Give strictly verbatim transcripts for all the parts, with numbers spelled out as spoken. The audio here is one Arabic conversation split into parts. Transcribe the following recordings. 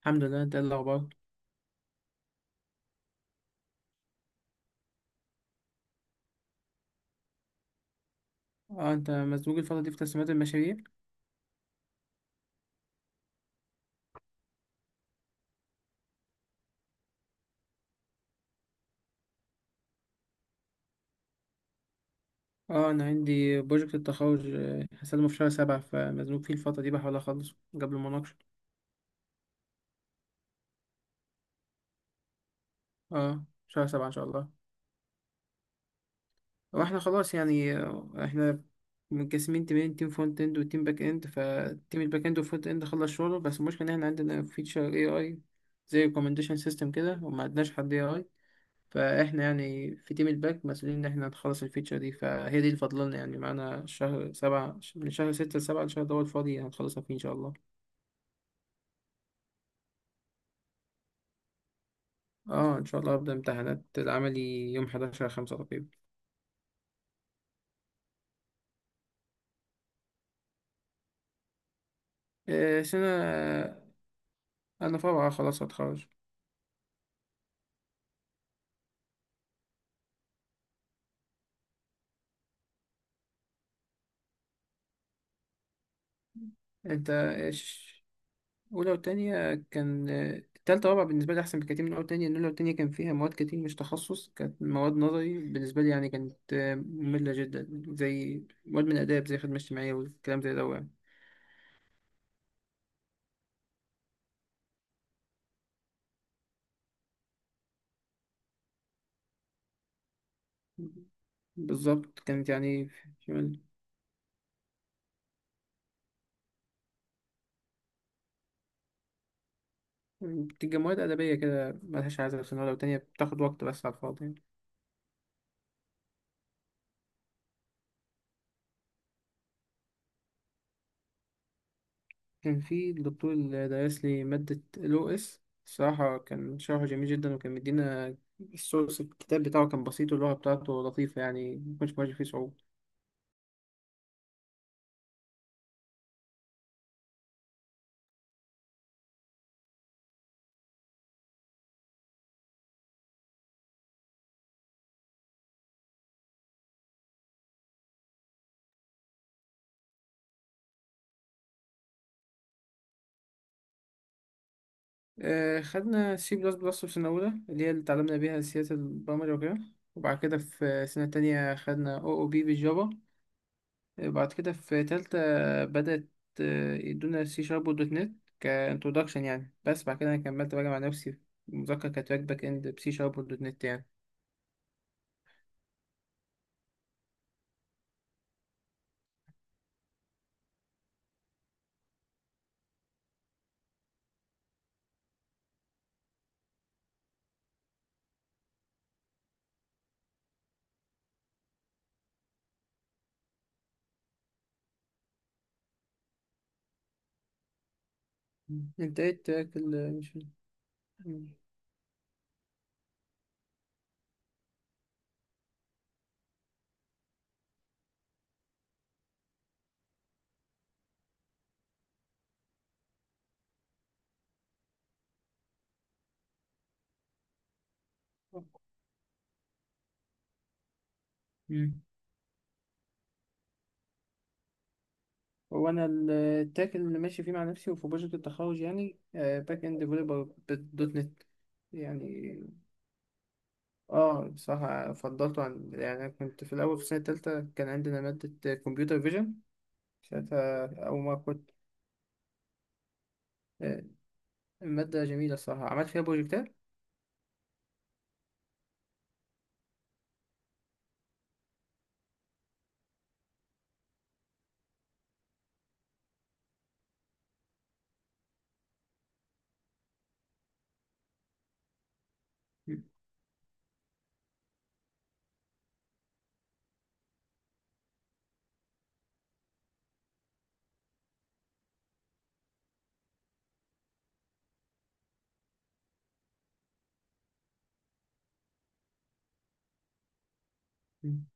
الحمد لله ده الأخبار. اه انت مزنوق الفترة دي في تسليمات المشاريع. اه انا عندي بروجكت التخرج، آه، هسلمه في شهر سبعة، فمزنوق فيه الفترة دي، بحاول اخلصه قبل المناقشة. اه شهر سبعة ان شاء الله. واحنا خلاص يعني آه، احنا متقسمين تيمين، تيم فرونت اند وتيم باك اند، فتيم الباك اند والفرونت اند خلص شغله، بس المشكلة ان احنا عندنا فيتشر اي اي زي ريكومنديشن سيستم كده، وما عندناش حد اي اي. فاحنا يعني في تيم الباك مسؤولين ان احنا نخلص الفيتشر دي، فهي دي اللي فاضلنا يعني، معانا شهر سبعة، من شهر ستة لسبعة، الشهر ده هو الفاضي هنخلصها فيه ان شاء الله. اه ان شاء الله هبدأ امتحانات العملي يوم حداشر خمسة تقريبا. آه، سنة انا في رابعة خلاص هتخرج. انت ايش؟ اولى وتانية كان آه، تالتة ورابعة بالنسبة لي احسن بكتير من اولى وتانية، ان اولى وتانية كان فيها مواد كتير مش تخصص، كانت مواد نظري بالنسبة لي يعني، كانت آه، مملة جدا، زي مواد من اداب زي خدمة اجتماعية والكلام زي ده يعني. بالظبط كانت يعني في- من- بتبقى مواد أدبية كده ملهاش عايزة في سنة ولا تانية، بتاخد وقت بس على الفاضي يعني. كان في الدكتور اللي درس لي مادة ال أو إس، الصراحة كان شرحه جميل جدا، وكان مدينا السورس، الكتاب بتاعه كان بسيط، واللغة بتاعته لطيفة يعني مكنش بواجه فيه صعوبة. آه خدنا سي بلس بلس في سنة أولى، اللي هي اللي اتعلمنا بيها سياسة البرمجة وكده، وبعد كده في سنة تانية خدنا أو أو بي بالجافا، بعد كده في تالتة بدأت آه، يدونا سي شارب ودوت نت كانترودكشن يعني، بس بعد كده أنا كملت بقى مع نفسي في المذاكرة، كانت راك باك إند بسي شارب ودوت نت يعني. مم. أنت إيه التراك اللي مش. مم. مم. هو أنا ال- التراك اللي ماشي فيه مع نفسي وفي بروجكت التخرج يعني باك إند ديفلوبر بالدوت نت يعني. اه بصراحة فضلته عن يعني، أنا كنت في الأول في السنة التالتة كان عندنا مادة كمبيوتر فيجن، ساعتها أول ما كنت. آه، المادة جميلة الصراحة، عملت فيها بروجكتات. م- م.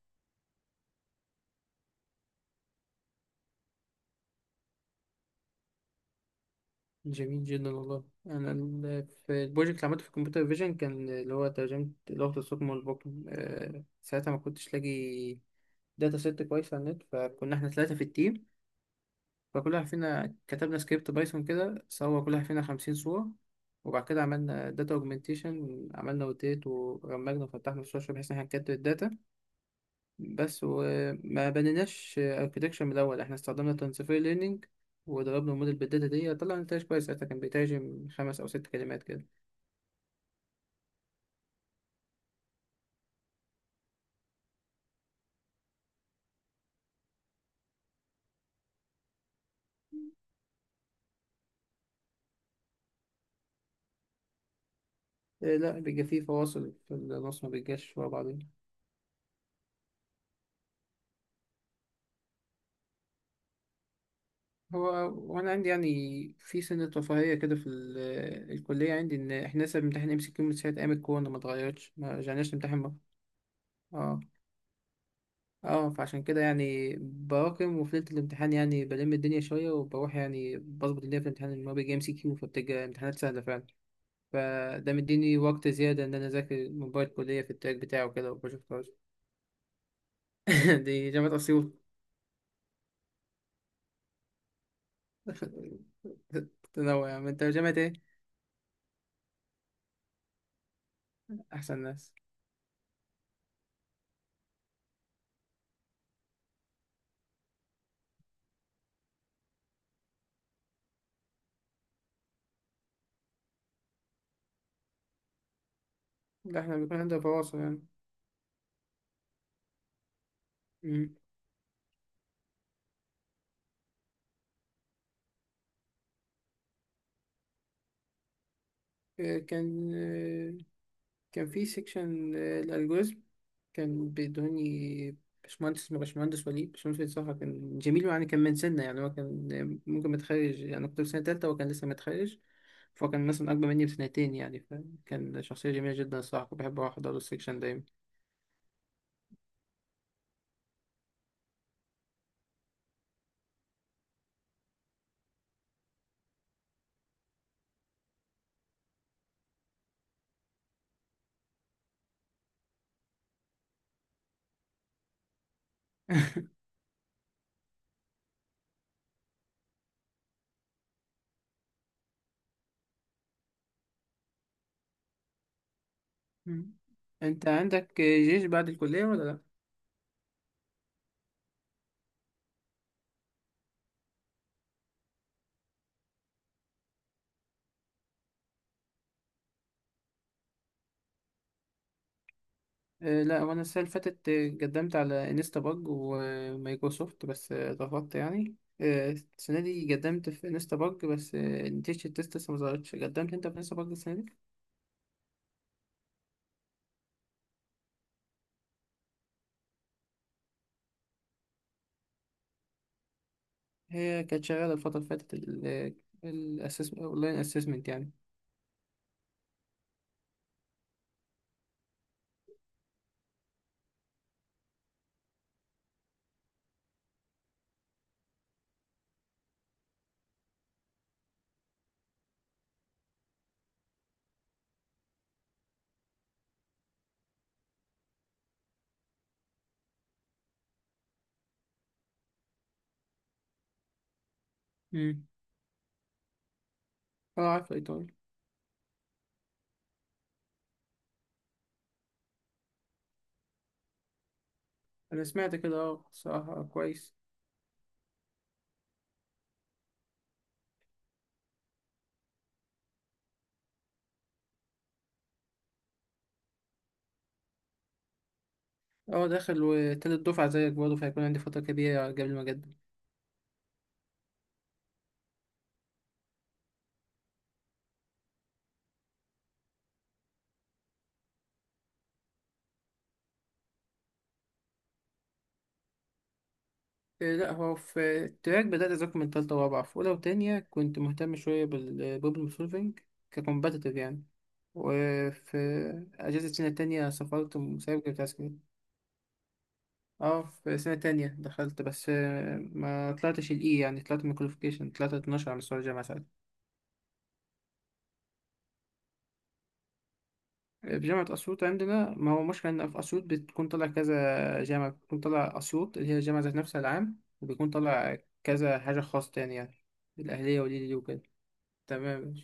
جميل جدا والله. أنا ال- في البروجكت اللي عملته في الكمبيوتر فيجن، كان اللي هو ترجمة لغة الصم والبكم، آه، ساعتها ما كنتش لاقي داتا سيت كويس على النت، فكنا احنا ثلاثة في التيم، فكل واحد فينا كتبنا سكريبت بايثون كده، صور كل واحد فينا خمسين صورة، وبعد كده عملنا داتا اوجمنتيشن، عملنا روتيت ورمجنا، وفتحنا السوشيال بحيث ان احنا نكتب الداتا بس، وما بنيناش اركتكشر من الاول، احنا استخدمنا ترانسفير ليرنينج، وضربنا الموديل بالداتا دي طلع نتائج كويس، ساعتها كان بيترجم خمس او ست كلمات كده. إيه لا، بيبقى فيه فواصل في النص، ما بيجاش ورا بعضين. هو وانا عندي يعني، في سنة رفاهية كده في ال- الكلية، عندي ان احنا لسه بنمتحن ام سي كيو، من ساعة ايام الكورونا ما اتغيرتش، ما رجعناش نمتحن مرة. اه اه، فعشان كده يعني براكم، وفي ليلة الامتحان يعني بلم الدنيا شوية، وبروح يعني بظبط الدنيا في الامتحان، اللي هو بيجي ام سي كيو، فبتبقى امتحانات سهلة فعلا، فده مديني وقت زيادة إن أنا أذاكر موبايل الكلية في التراك بتاعه كده وبروجكتات. دي جامعة أسيوط. تنوع يعني، أنت جامعة إيه؟ أحسن ناس. ده إحنا بيكون عندنا فواصل يعني. مم. إيه، كان كان في سيكشن الالجوريزم، كان بيدوني باشمهندس اسمه باشمهندس وليد باشمهندس وليد، صراحة كان جميل، يعني كان من سنة، يعني هو كان ممكن متخرج يعني، كنت في سنة تالتة وهو كان لسه متخرج، فهو كان مثلا أكبر مني بسنتين يعني، فكان شخصية جميلة جدا الصراحة، كنت بحب أروح أحضر له السيكشن دايما. أنت عندك جيش بعد الكلية ولا لأ؟ آه، لا، وانا السنه اللي فاتت آه، قدمت على انستا باج ومايكروسوفت، بس آه، رفضت يعني، آه، السنه دي قدمت في انستا باج، بس آه، نتيجه التيست لسه ما ظهرتش. قدمت انت في انستا باج السنه دي؟ هي كانت شغاله الفتره اللي فاتت، الاسسمنت اونلاين اسسمنت يعني. امم. اه عارف الايطالي. انا سمعت كده، اه صراحه كويس. اه داخل، وتالت دفعه زيك برضه، فهيكون عندي فتره كبيره قبل ما اقدم. إيه لا، هو في التراك بدأت أذاكر من تالتة ورابعة، في أولى وتانية كنت مهتم شوية بالبروبلم سولفينج ككومبتيتيف يعني، وفي أجازة سنة تانية سافرت مسابقة بتاع سكرين. اه في سنة تانية دخلت، بس آه، ما طلعتش الإي يعني، طلعت من الكواليفيكيشن، طلعت اتناشر على مستوى الجامعة ساعتها. في جامعة أسيوط عندنا ما هو مشكلة، إن في أسيوط بتكون طالع كذا جامعة، بتكون طالع أسيوط اللي هي الجامعة ذات نفسها العام، وبيكون طالع كذا حاجة خاصة تاني يعني، الأهلية والليلي وكده، تمام.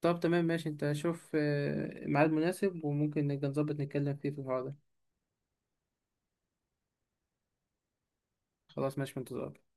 طب تمام ماشي، انت شوف آه، ميعاد مناسب، وممكن نبقى نظبط نتكلم فيه في الحوار ده. خلاص ماشي، في انتظارك.